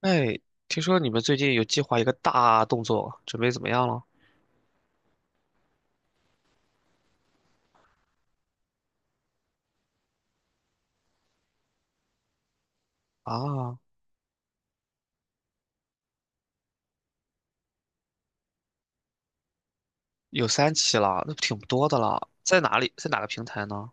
哎，听说你们最近有计划一个大动作，准备怎么样了？啊，有三期了，那挺多的了。在哪里？在哪个平台呢？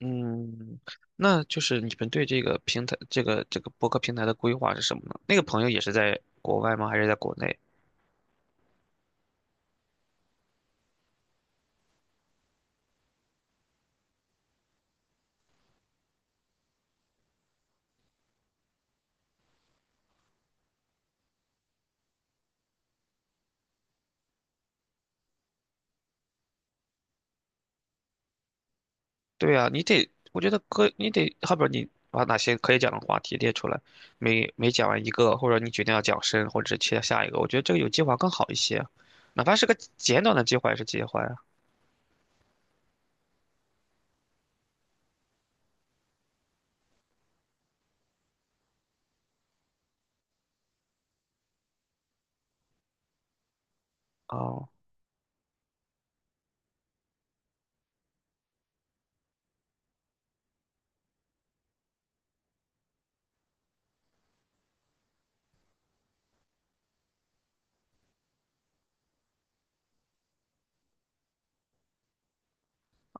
嗯，那就是你们对这个平台、这个博客平台的规划是什么呢？那个朋友也是在国外吗？还是在国内？对啊，你得，我觉得可，你得，后边你把哪些可以讲的话题列出来，每每讲完一个，或者你决定要讲深，或者是切下一个，我觉得这个有计划更好一些，哪怕是个简短的计划也是计划呀。哦。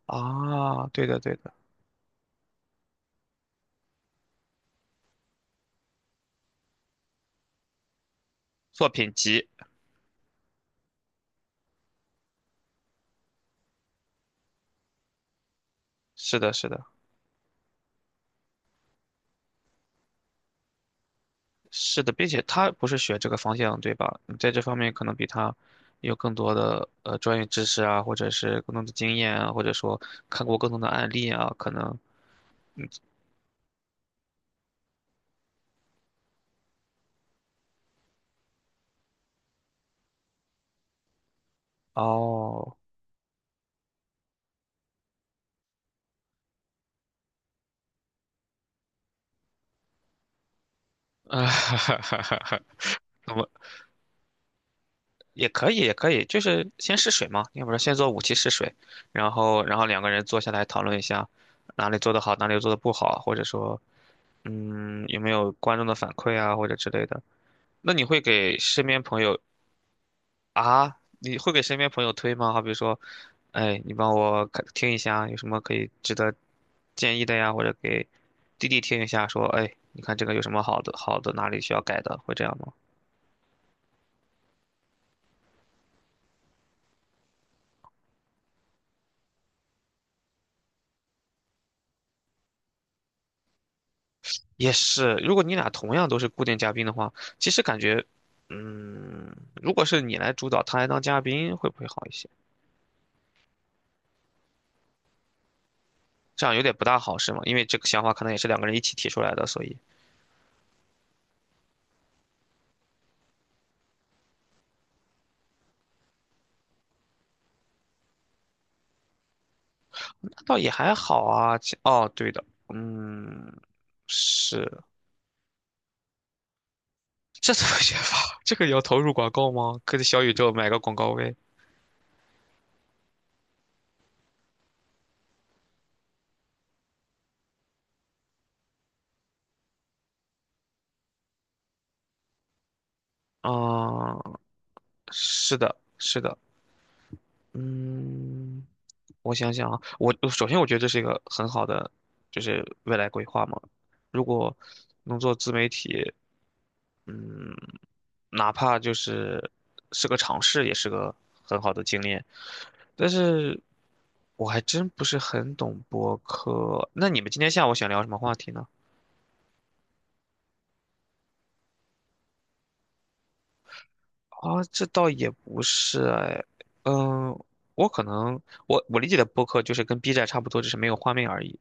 啊，对的对的，作品集，是的是的是的，并且他不是学这个方向对吧？你在这方面可能比他有更多的专业知识啊，或者是更多的经验啊，或者说看过更多的案例啊，可能哦，啊哈哈哈哈，那么也可以也可以，就是先试水嘛，要不然先做5期试水，然后两个人坐下来讨论一下哪里做得好，哪里做得不好，或者说有没有观众的反馈啊，或者之类的。那你会给身边朋友啊？你会给身边朋友推吗？好比说，哎，你帮我看听一下，有什么可以值得建议的呀？或者给弟弟听一下，说，哎，你看这个有什么好的，好的哪里需要改的，会这样吗？也是，如果你俩同样都是固定嘉宾的话，其实感觉，嗯，如果是你来主导，他来当嘉宾，会不会好一些？这样有点不大好，是吗？因为这个想法可能也是两个人一起提出来的，所以。倒也还好啊。哦，对的，嗯，是，这怎么写法？这个也要投入广告吗？可以小宇宙买个广告位啊，是的，是的，嗯，我想想啊，我首先我觉得这是一个很好的，就是未来规划嘛。如果能做自媒体，嗯，哪怕就是是个尝试，也是个很好的经验。但是我还真不是很懂播客。那你们今天下午想聊什么话题呢？啊，这倒也不是哎，嗯，我可能我我理解的播客就是跟 B 站差不多，只是没有画面而已。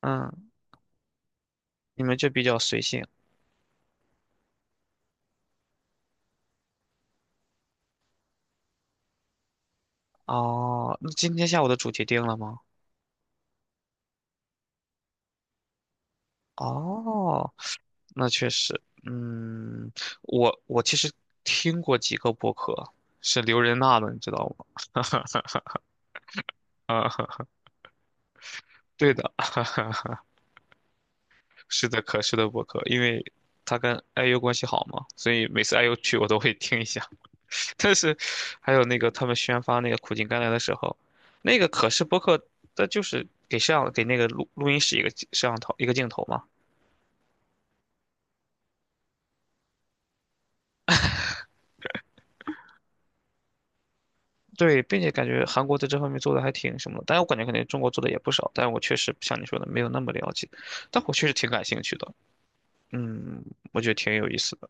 嗯，你们就比较随性哦。那今天下午的主题定了吗？哦，那确实，嗯，我其实听过几个播客，是刘仁娜的，你知道吗？啊、对的，是的，可是的播客，因为他跟 IU 关系好嘛，所以每次 IU 去我都会听一下。但是还有那个他们宣发那个苦尽甘来的时候，那个可视播客，它就是给摄像给那个录音室一个摄像头一个镜头嘛，对，并且感觉韩国在这方面做的还挺什么的，但我感觉肯定中国做的也不少，但我确实像你说的没有那么了解，但我确实挺感兴趣的，嗯，我觉得挺有意思的，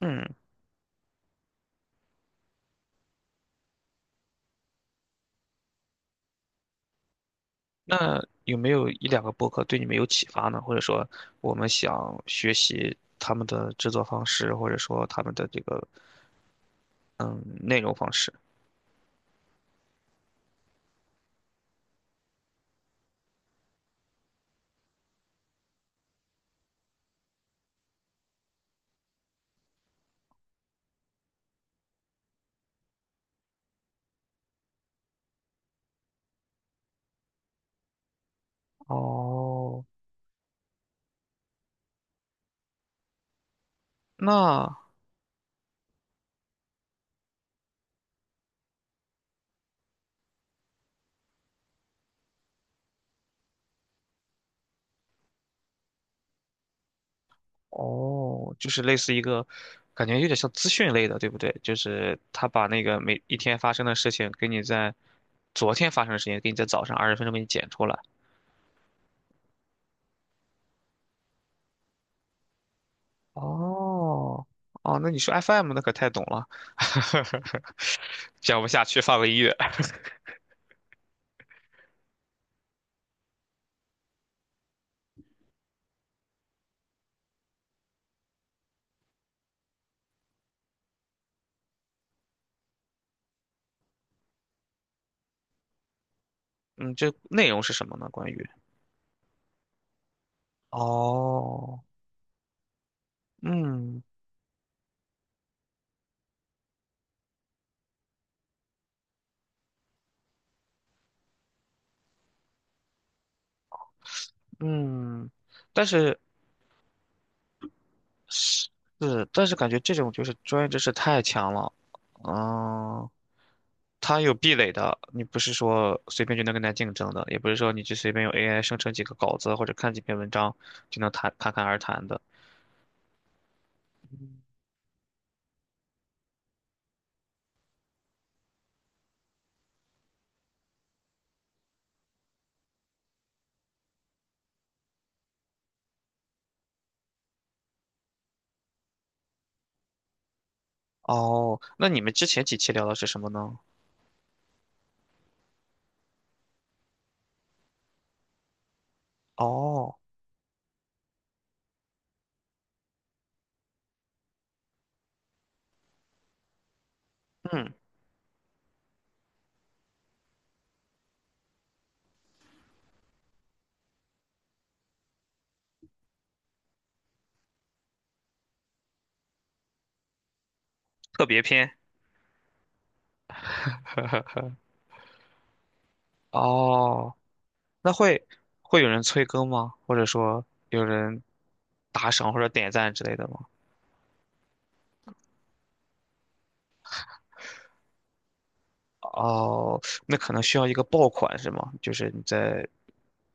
嗯，那有没有一两个播客对你们有启发呢？或者说我们想学习他们的制作方式，或者说他们的这个嗯内容方式？哦，那。哦，就是类似一个，感觉有点像资讯类的，对不对？就是他把那个每一天发生的事情，给你在昨天发生的事情，给你在早上20分钟给你剪出来。哦，哦，那你说 FM 那可太懂了，讲不下去，放个音乐。嗯，这内容是什么呢？关于哦，嗯嗯，但是感觉这种就是专业知识太强了，嗯、它有壁垒的，你不是说随便就能跟它竞争的，也不是说你去随便用 AI 生成几个稿子或者看几篇文章就能侃侃而谈的。哦，那你们之前几期聊的是什么呢？哦，嗯，特别篇。哦，那会有人催更吗？或者说有人打赏或者点赞之类的吗？哦，那可能需要一个爆款是吗？就是你在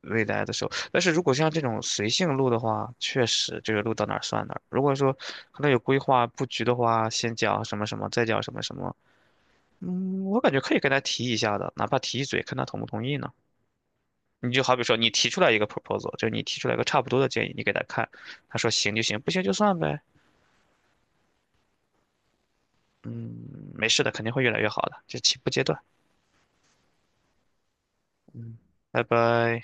未来的时候，但是如果像这种随性录的话，确实这个录到哪儿算哪儿。如果说可能有规划布局的话，先讲什么什么，再讲什么什么，嗯，我感觉可以跟他提一下的，哪怕提一嘴，看他同不同意呢。你就好比说，你提出来一个 proposal，就是你提出来一个差不多的建议，你给他看，他说行就行，不行就算呗。嗯，没事的，肯定会越来越好的，这起步阶段。拜拜。